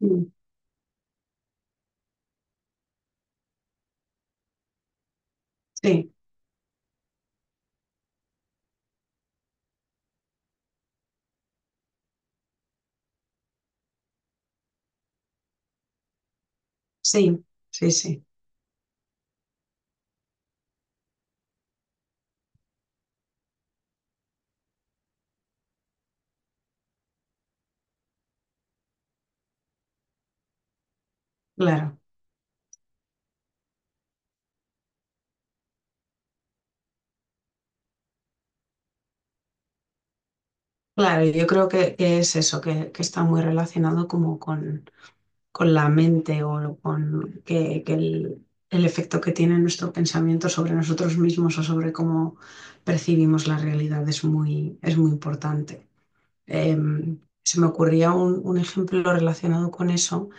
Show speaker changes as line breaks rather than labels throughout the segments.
Mm, sí, sí, sí, sí, claro. Claro, yo creo que es eso, que está muy relacionado como con la mente o con que el efecto que tiene nuestro pensamiento sobre nosotros mismos o sobre cómo percibimos la realidad es muy importante. Se me ocurría un ejemplo relacionado con eso.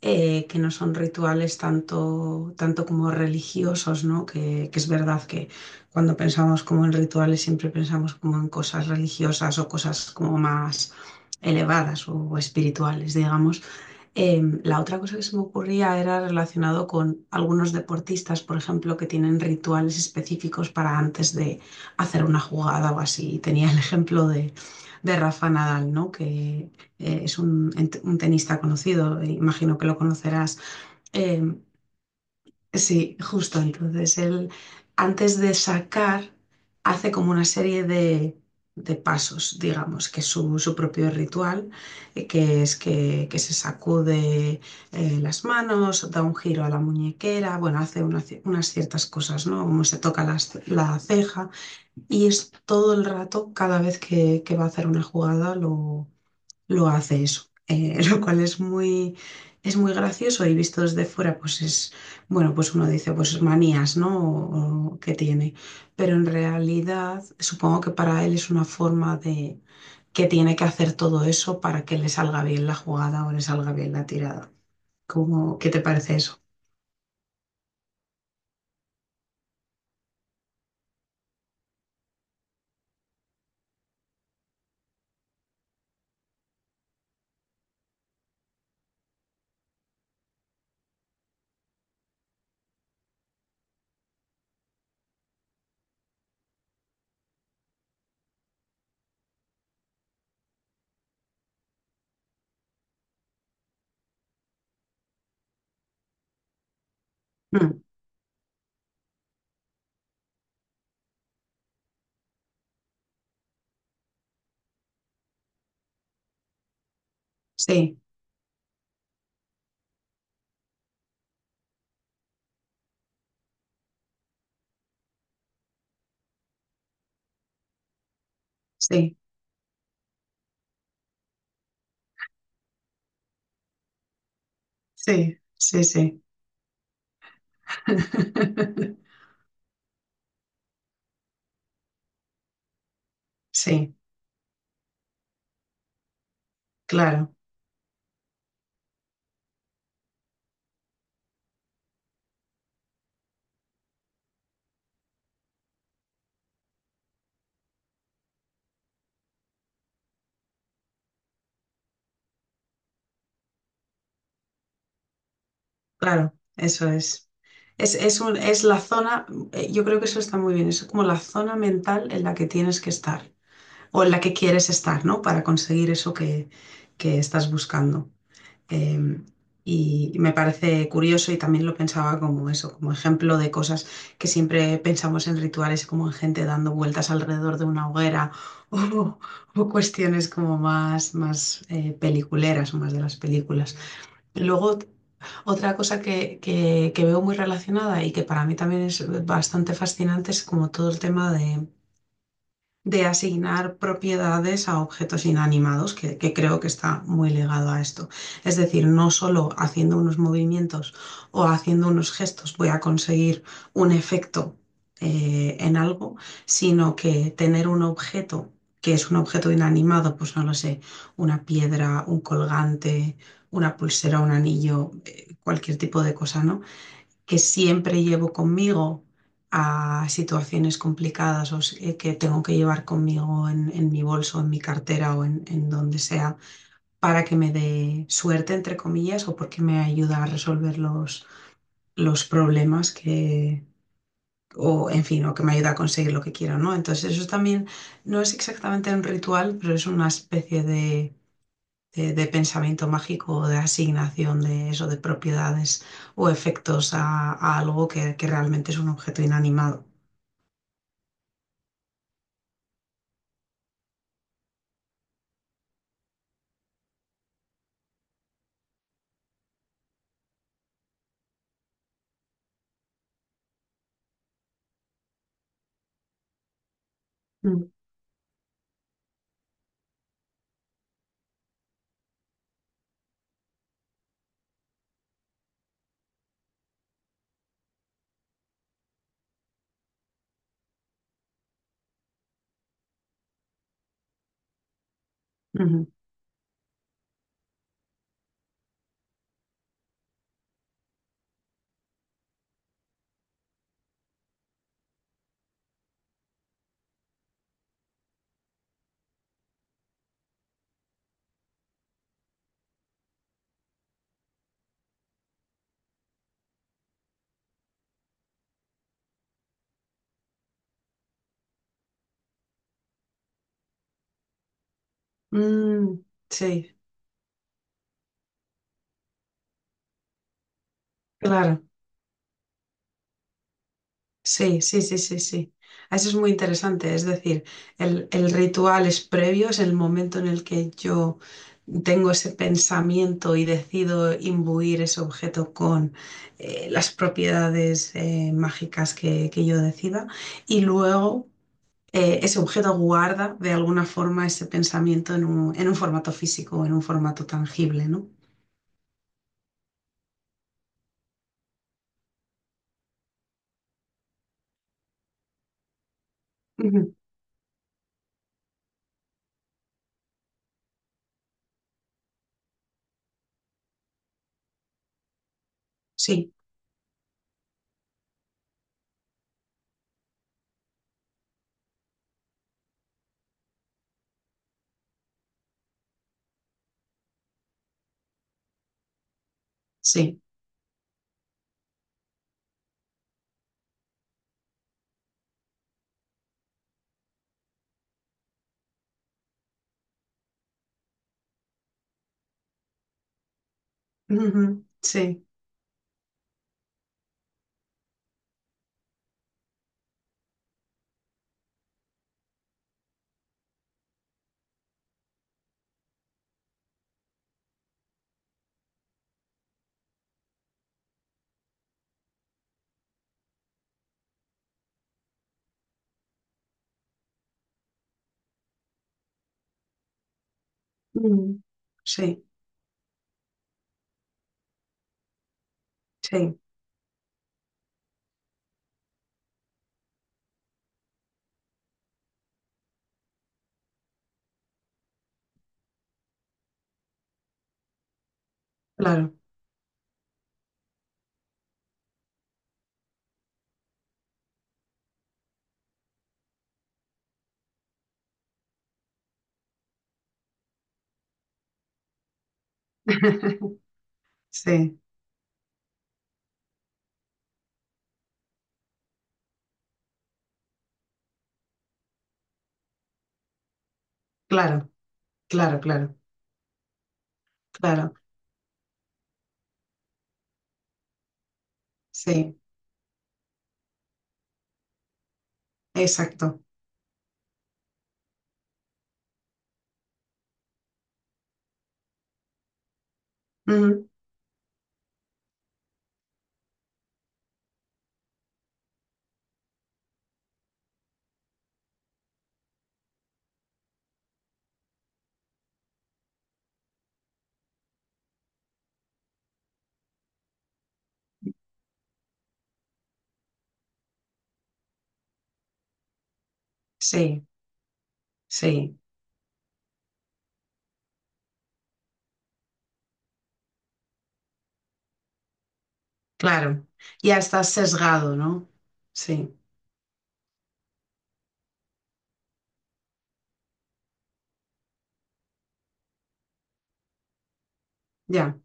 Que no son rituales tanto, tanto como religiosos, ¿no? Que es verdad que cuando pensamos como en rituales siempre pensamos como en cosas religiosas o cosas como más elevadas o espirituales, digamos. La otra cosa que se me ocurría era relacionado con algunos deportistas, por ejemplo, que tienen rituales específicos para antes de hacer una jugada o así. Y tenía el ejemplo de Rafa Nadal, ¿no? Que es un, un tenista conocido, imagino que lo conocerás. Em, Sí, justo. Entonces, él antes de sacar hace como una serie de pasos, digamos, que es su, su propio ritual, que es que se sacude las manos, da un giro a la muñequera, bueno, hace una unas ciertas cosas, ¿no? Como se toca la ceja y es todo el rato, cada vez que va a hacer una jugada, lo hace eso, lo cual es muy gracioso y visto desde fuera, pues es, bueno, pues uno dice, pues manías, ¿no? O que tiene, pero en realidad supongo que para él es una forma de que tiene que hacer todo eso para que le salga bien la jugada o le salga bien la tirada. ¿Cómo, qué te parece eso? Mm, sí, sí, sí, sí, sí. Sí, claro. Claro, eso es. Es es la zona, yo creo que eso está muy bien, es como la zona mental en la que tienes que estar o en la que quieres estar, ¿no? Para conseguir eso que estás buscando. Eh, y, me parece curioso y también lo pensaba como eso, como ejemplo de cosas que siempre pensamos en rituales, como en gente dando vueltas alrededor de una hoguera o, o cuestiones como más, más peliculeras o más de las películas. Luego otra cosa que, que veo muy relacionada y que para mí también es bastante fascinante es como todo el tema de asignar propiedades a objetos inanimados, que creo que está muy ligado a esto. Es decir, no solo haciendo unos movimientos o haciendo unos gestos voy a conseguir un efecto en algo, sino que tener un objeto que es un objeto inanimado, pues no lo sé, una piedra, un colgante, una pulsera, un anillo, cualquier tipo de cosa, ¿no? Que siempre llevo conmigo a situaciones complicadas o que tengo que llevar conmigo en mi bolso, en mi cartera o en donde sea, para que me dé suerte, entre comillas, o porque me ayuda a resolver los problemas que, o en fin, o que me ayuda a conseguir lo que quiero, ¿no? Entonces eso también no es exactamente un ritual, pero es una especie de de pensamiento mágico, de asignación de eso, de propiedades o efectos a algo que realmente es un objeto inanimado. Mm, ujú. Mm, sí, claro. Sí, sí, sí, sí, sí. Eso es muy interesante. Es decir, el ritual es previo, es el momento en el que yo tengo ese pensamiento y decido imbuir ese objeto con las propiedades mágicas que yo decida. Y luego ese objeto guarda de alguna forma ese pensamiento en un formato físico, en un formato tangible, ¿no? Ujú, sí, sí, ujú, sí, ujú, sí, sí, claro, sí, claro, claro, claro, claro, sí, exacto, ujú, sí, sí, claro, ya estás sesgado, ¿no? Sí, ya,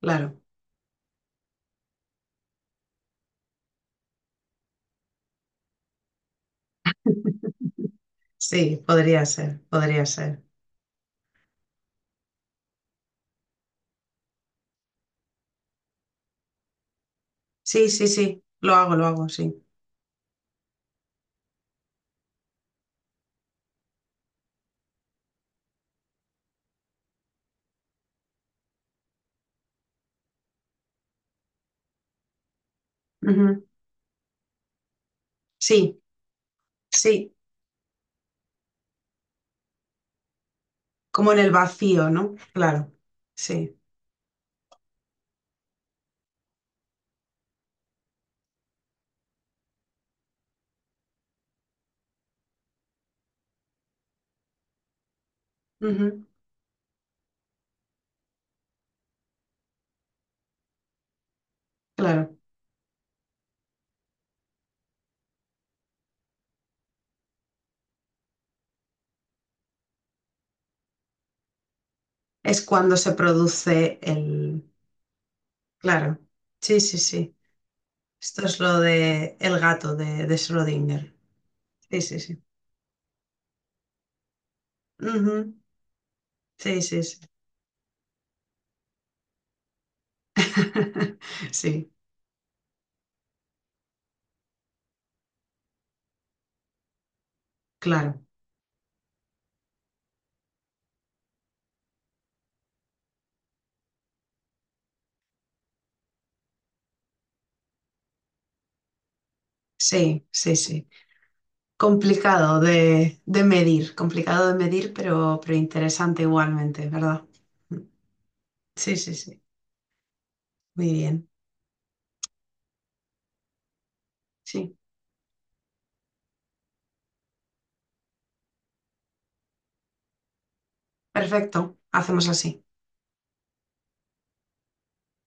claro, sí, podría ser, sí, sí, sí, lo hago, sí, ujú, sí, sí. Como en el vacío, ¿no? Claro, sí. Ujú, claro. Es cuando se produce el... Claro. Sí, sí, sí. Esto es lo de el gato de Schrödinger. Sí, sí, sí. Ujú, sí, sí, sí. Sí, claro. Sí, sí, sí. Complicado de medir, complicado de medir, pero interesante igualmente, ¿verdad? Sí, sí, sí. Muy bien. Sí. Perfecto. Hacemos así.